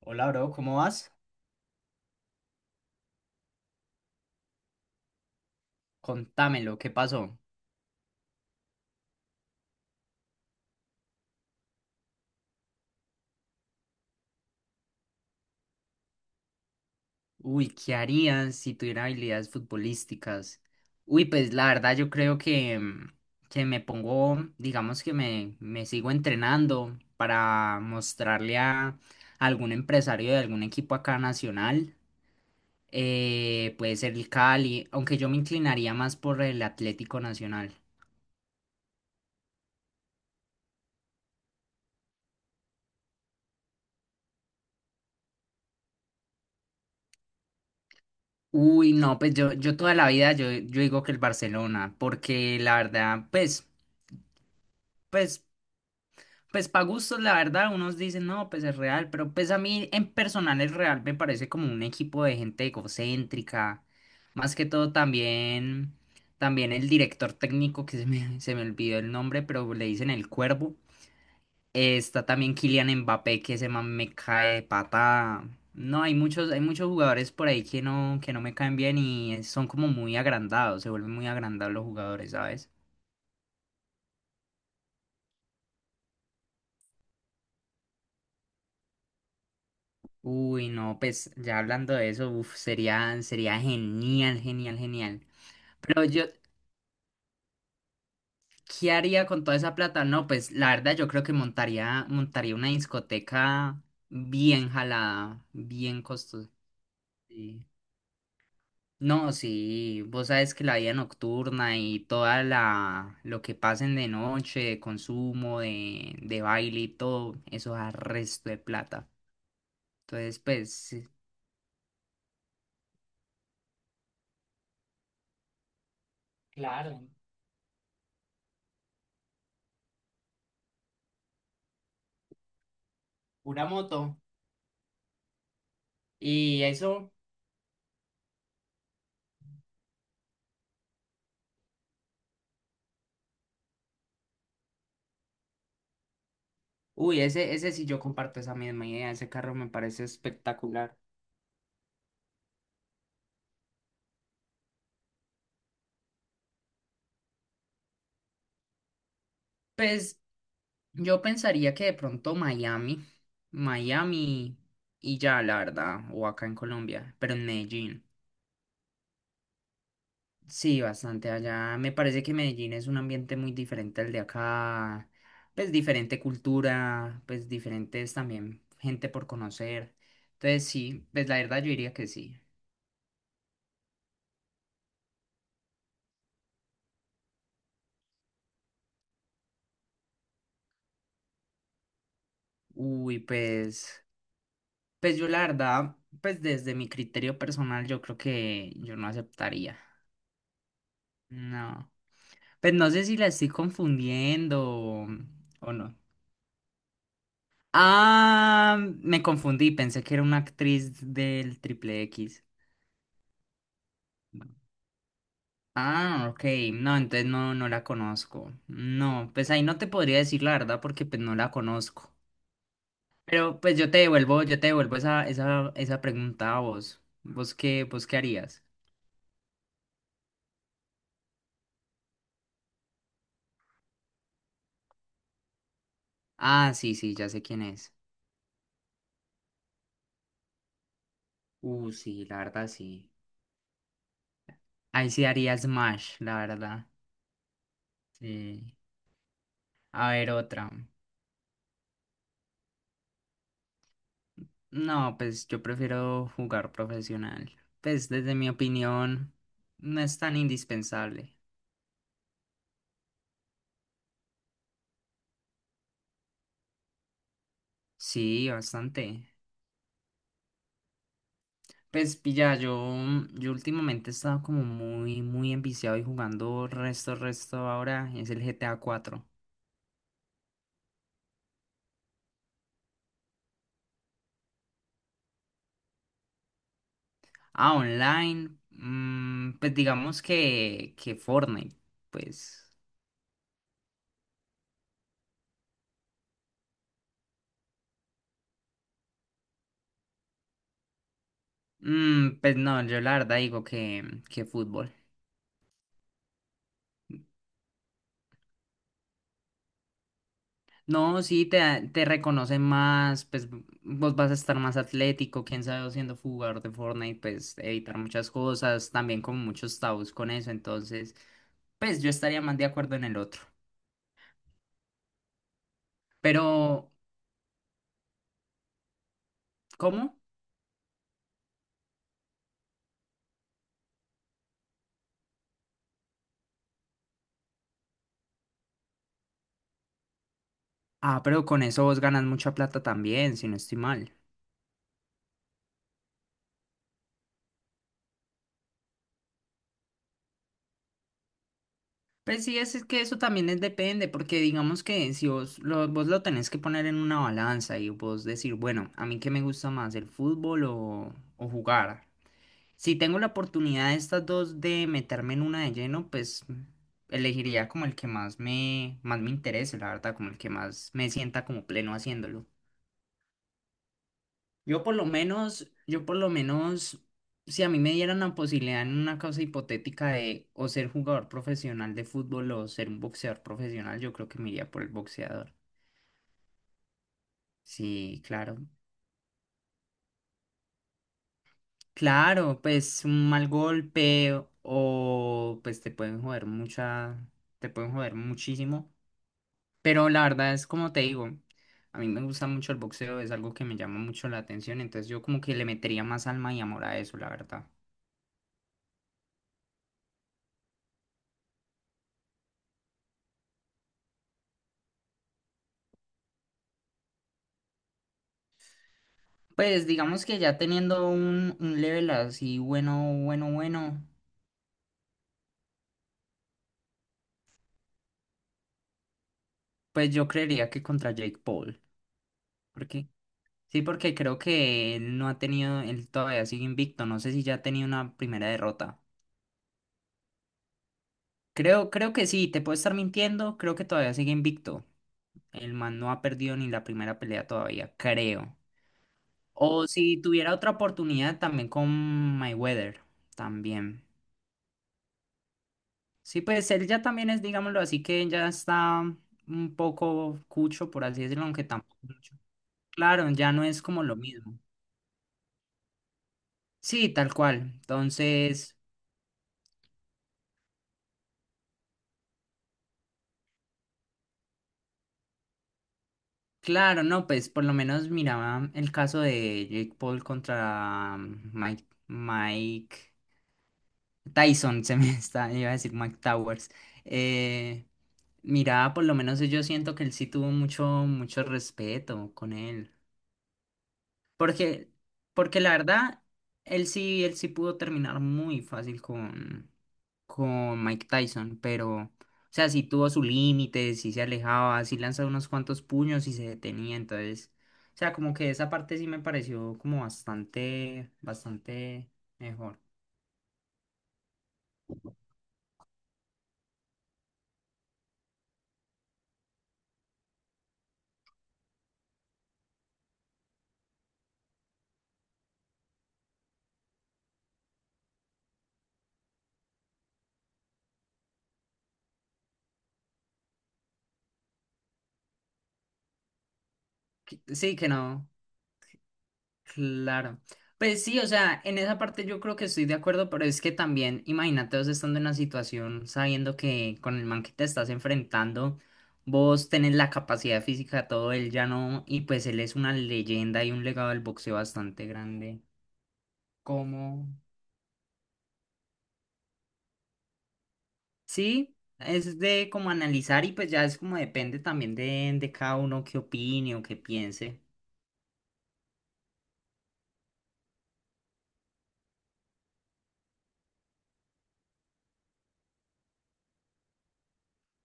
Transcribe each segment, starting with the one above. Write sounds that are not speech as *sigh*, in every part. Hola, bro, ¿cómo vas? Contámelo, ¿qué pasó? Uy, ¿qué harían si tuvieran habilidades futbolísticas? Uy, pues la verdad yo creo que, que me pongo, digamos que me sigo entrenando para mostrarle a algún empresario de algún equipo acá nacional. Puede ser el Cali, aunque yo me inclinaría más por el Atlético Nacional. Uy, no, pues yo toda la vida yo digo que el Barcelona, porque la verdad, pues, pues Pues para gustos, la verdad, unos dicen, no, pues es real, pero pues a mí en personal es real me parece como un equipo de gente egocéntrica. Más que todo también, también el director técnico, que *laughs* se me olvidó el nombre, pero le dicen el Cuervo. Está también Kylian Mbappé, que ese man me cae de patada. No, hay muchos jugadores por ahí que no me caen bien y son como muy agrandados, se vuelven muy agrandados los jugadores, ¿sabes? Uy, no, pues ya hablando de eso, uf, sería genial, genial, genial. Pero yo, ¿qué haría con toda esa plata? No, pues la verdad yo creo que montaría una discoteca bien jalada, bien costosa. Sí. No, sí, vos sabes que la vida nocturna y lo que pasen de noche, de consumo, de baile y todo, eso da resto de plata. Entonces, pues sí, claro, una moto. Y eso, uy, ese sí yo comparto esa misma idea, ese carro me parece espectacular. Pues yo pensaría que de pronto Miami, Miami y ya, la verdad, o acá en Colombia, pero en Medellín. Sí, bastante allá. Me parece que Medellín es un ambiente muy diferente al de acá, pues diferente cultura, pues diferentes también gente por conocer. Entonces sí, pues la verdad yo diría que sí. Uy, pues, pues yo la verdad, pues desde mi criterio personal, yo creo que yo no aceptaría. No. Pues no sé si la estoy confundiendo o no. Ah, me confundí, pensé que era una actriz del Triple X. Ah, ok. No, entonces no, no la conozco. No, pues ahí no te podría decir la verdad porque pues no la conozco. Pero pues yo te devuelvo esa pregunta a vos. Vos qué harías? Ah, sí, sí, ya sé quién es. Sí, la verdad sí. Ahí sí haría Smash, la verdad. Sí. A ver, otra. No, pues yo prefiero jugar profesional. Pues desde mi opinión, no es tan indispensable. Sí, bastante. Pues pilla, yo últimamente he estado como muy, muy enviciado y jugando resto, resto ahora. Es el GTA 4. Ah, online. Pues digamos que Fortnite. Pues, mm, pues no, yo la verdad digo que fútbol. No, sí, da- te reconocen más, pues vos vas a estar más atlético, quién sabe, vos siendo jugador de Fortnite, pues evitar muchas cosas, también con muchos tabús con eso, entonces, pues yo estaría más de acuerdo en el otro. Pero, ¿cómo? Ah, pero con eso vos ganas mucha plata también, si no estoy mal. Pues sí, es que eso también es depende, porque digamos que si vos lo tenés que poner en una balanza y vos decir, bueno, a mí qué me gusta más, el fútbol o jugar. Si tengo la oportunidad de estas dos de meterme en una de lleno, pues elegiría como el que más me interese, la verdad, como el que más me sienta como pleno haciéndolo. Yo por lo menos, yo por lo menos, Si a mí me dieran la posibilidad en una causa hipotética de o ser jugador profesional de fútbol o ser un boxeador profesional, yo creo que me iría por el boxeador. Sí, claro. Claro, pues un mal golpe o pues te pueden joder muchísimo. Pero la verdad es como te digo, a mí me gusta mucho el boxeo, es algo que me llama mucho la atención, entonces yo como que le metería más alma y amor a eso, la verdad. Pues digamos que ya teniendo un level así bueno, bueno, bueno, pues yo creería que contra Jake Paul. ¿Por qué? Sí, porque creo que él no ha tenido, él todavía sigue invicto. No sé si ya ha tenido una primera derrota. Creo que sí, te puedo estar mintiendo, creo que todavía sigue invicto. El man no ha perdido ni la primera pelea todavía, creo. O si tuviera otra oportunidad también con Mayweather, también. Sí, pues él ya también es, digámoslo así, que ya está un poco cucho, por así decirlo, aunque tampoco mucho. Claro, ya no es como lo mismo. Sí, tal cual. Entonces, claro, no, pues por lo menos miraba el caso de Jake Paul contra Mike Tyson, *laughs* se me está, iba a decir Mike Towers. Eh, Miraba, por lo menos yo siento que él sí tuvo mucho, mucho respeto con él. Porque, porque la verdad, él sí pudo terminar muy fácil con Mike Tyson, pero, o sea, sí tuvo su límite, sí se alejaba, sí lanzaba unos cuantos puños y se detenía, entonces, o sea, como que esa parte sí me pareció como bastante, bastante mejor. Sí, que no. Claro. Pues sí, o sea, en esa parte yo creo que estoy de acuerdo, pero es que también, imagínate vos estando en una situación sabiendo que con el man que te estás enfrentando, vos tenés la capacidad física, todo él ya no, y pues él es una leyenda y un legado del boxeo bastante grande. Como, sí, es de como analizar y pues ya es como depende también de cada uno qué opine o qué piense.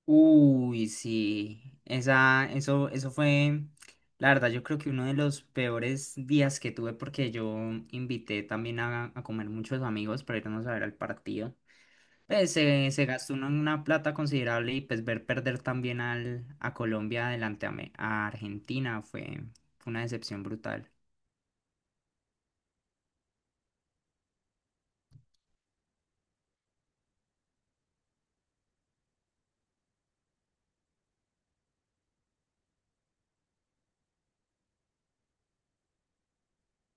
Uy, sí, esa, eso fue, la verdad, yo creo que uno de los peores días que tuve porque yo invité también a comer muchos amigos para irnos a ver al partido. Pues se gastó uno una plata considerable y pues ver perder también a Colombia delante a, a Argentina fue, fue una decepción brutal.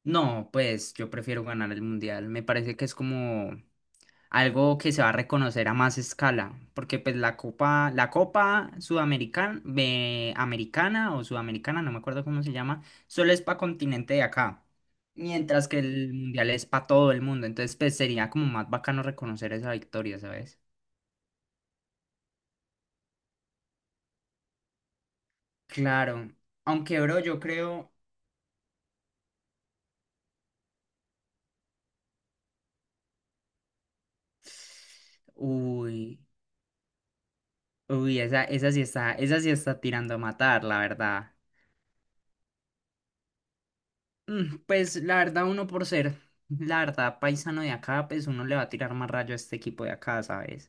No, pues yo prefiero ganar el mundial. Me parece que es como algo que se va a reconocer a más escala, porque pues la copa sudamericana, americana o sudamericana, no me acuerdo cómo se llama, solo es para continente de acá, mientras que el mundial es para todo el mundo, entonces pues sería como más bacano reconocer esa victoria, ¿sabes? Claro, aunque bro, yo creo, uy, uy, esa, esa sí está tirando a matar, la verdad. Mm, pues la verdad, uno por ser, la verdad, paisano de acá, pues uno le va a tirar más rayo a este equipo de acá, ¿sabes?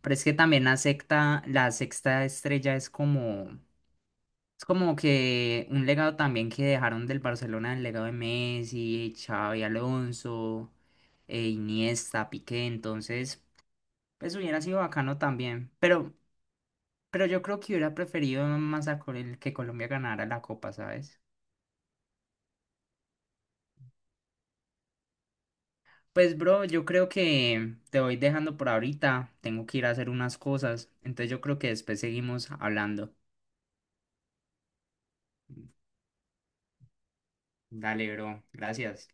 Pero es que también la sexta estrella es como que un legado también que dejaron del Barcelona, el legado de Messi, Xavi Alonso, Iniesta, Piqué, entonces, pues hubiera sido bacano también. Pero yo creo que hubiera preferido más a que Colombia ganara la Copa, ¿sabes? Pues bro, yo creo que te voy dejando por ahorita. Tengo que ir a hacer unas cosas. Entonces yo creo que después seguimos hablando. Dale, bro. Gracias.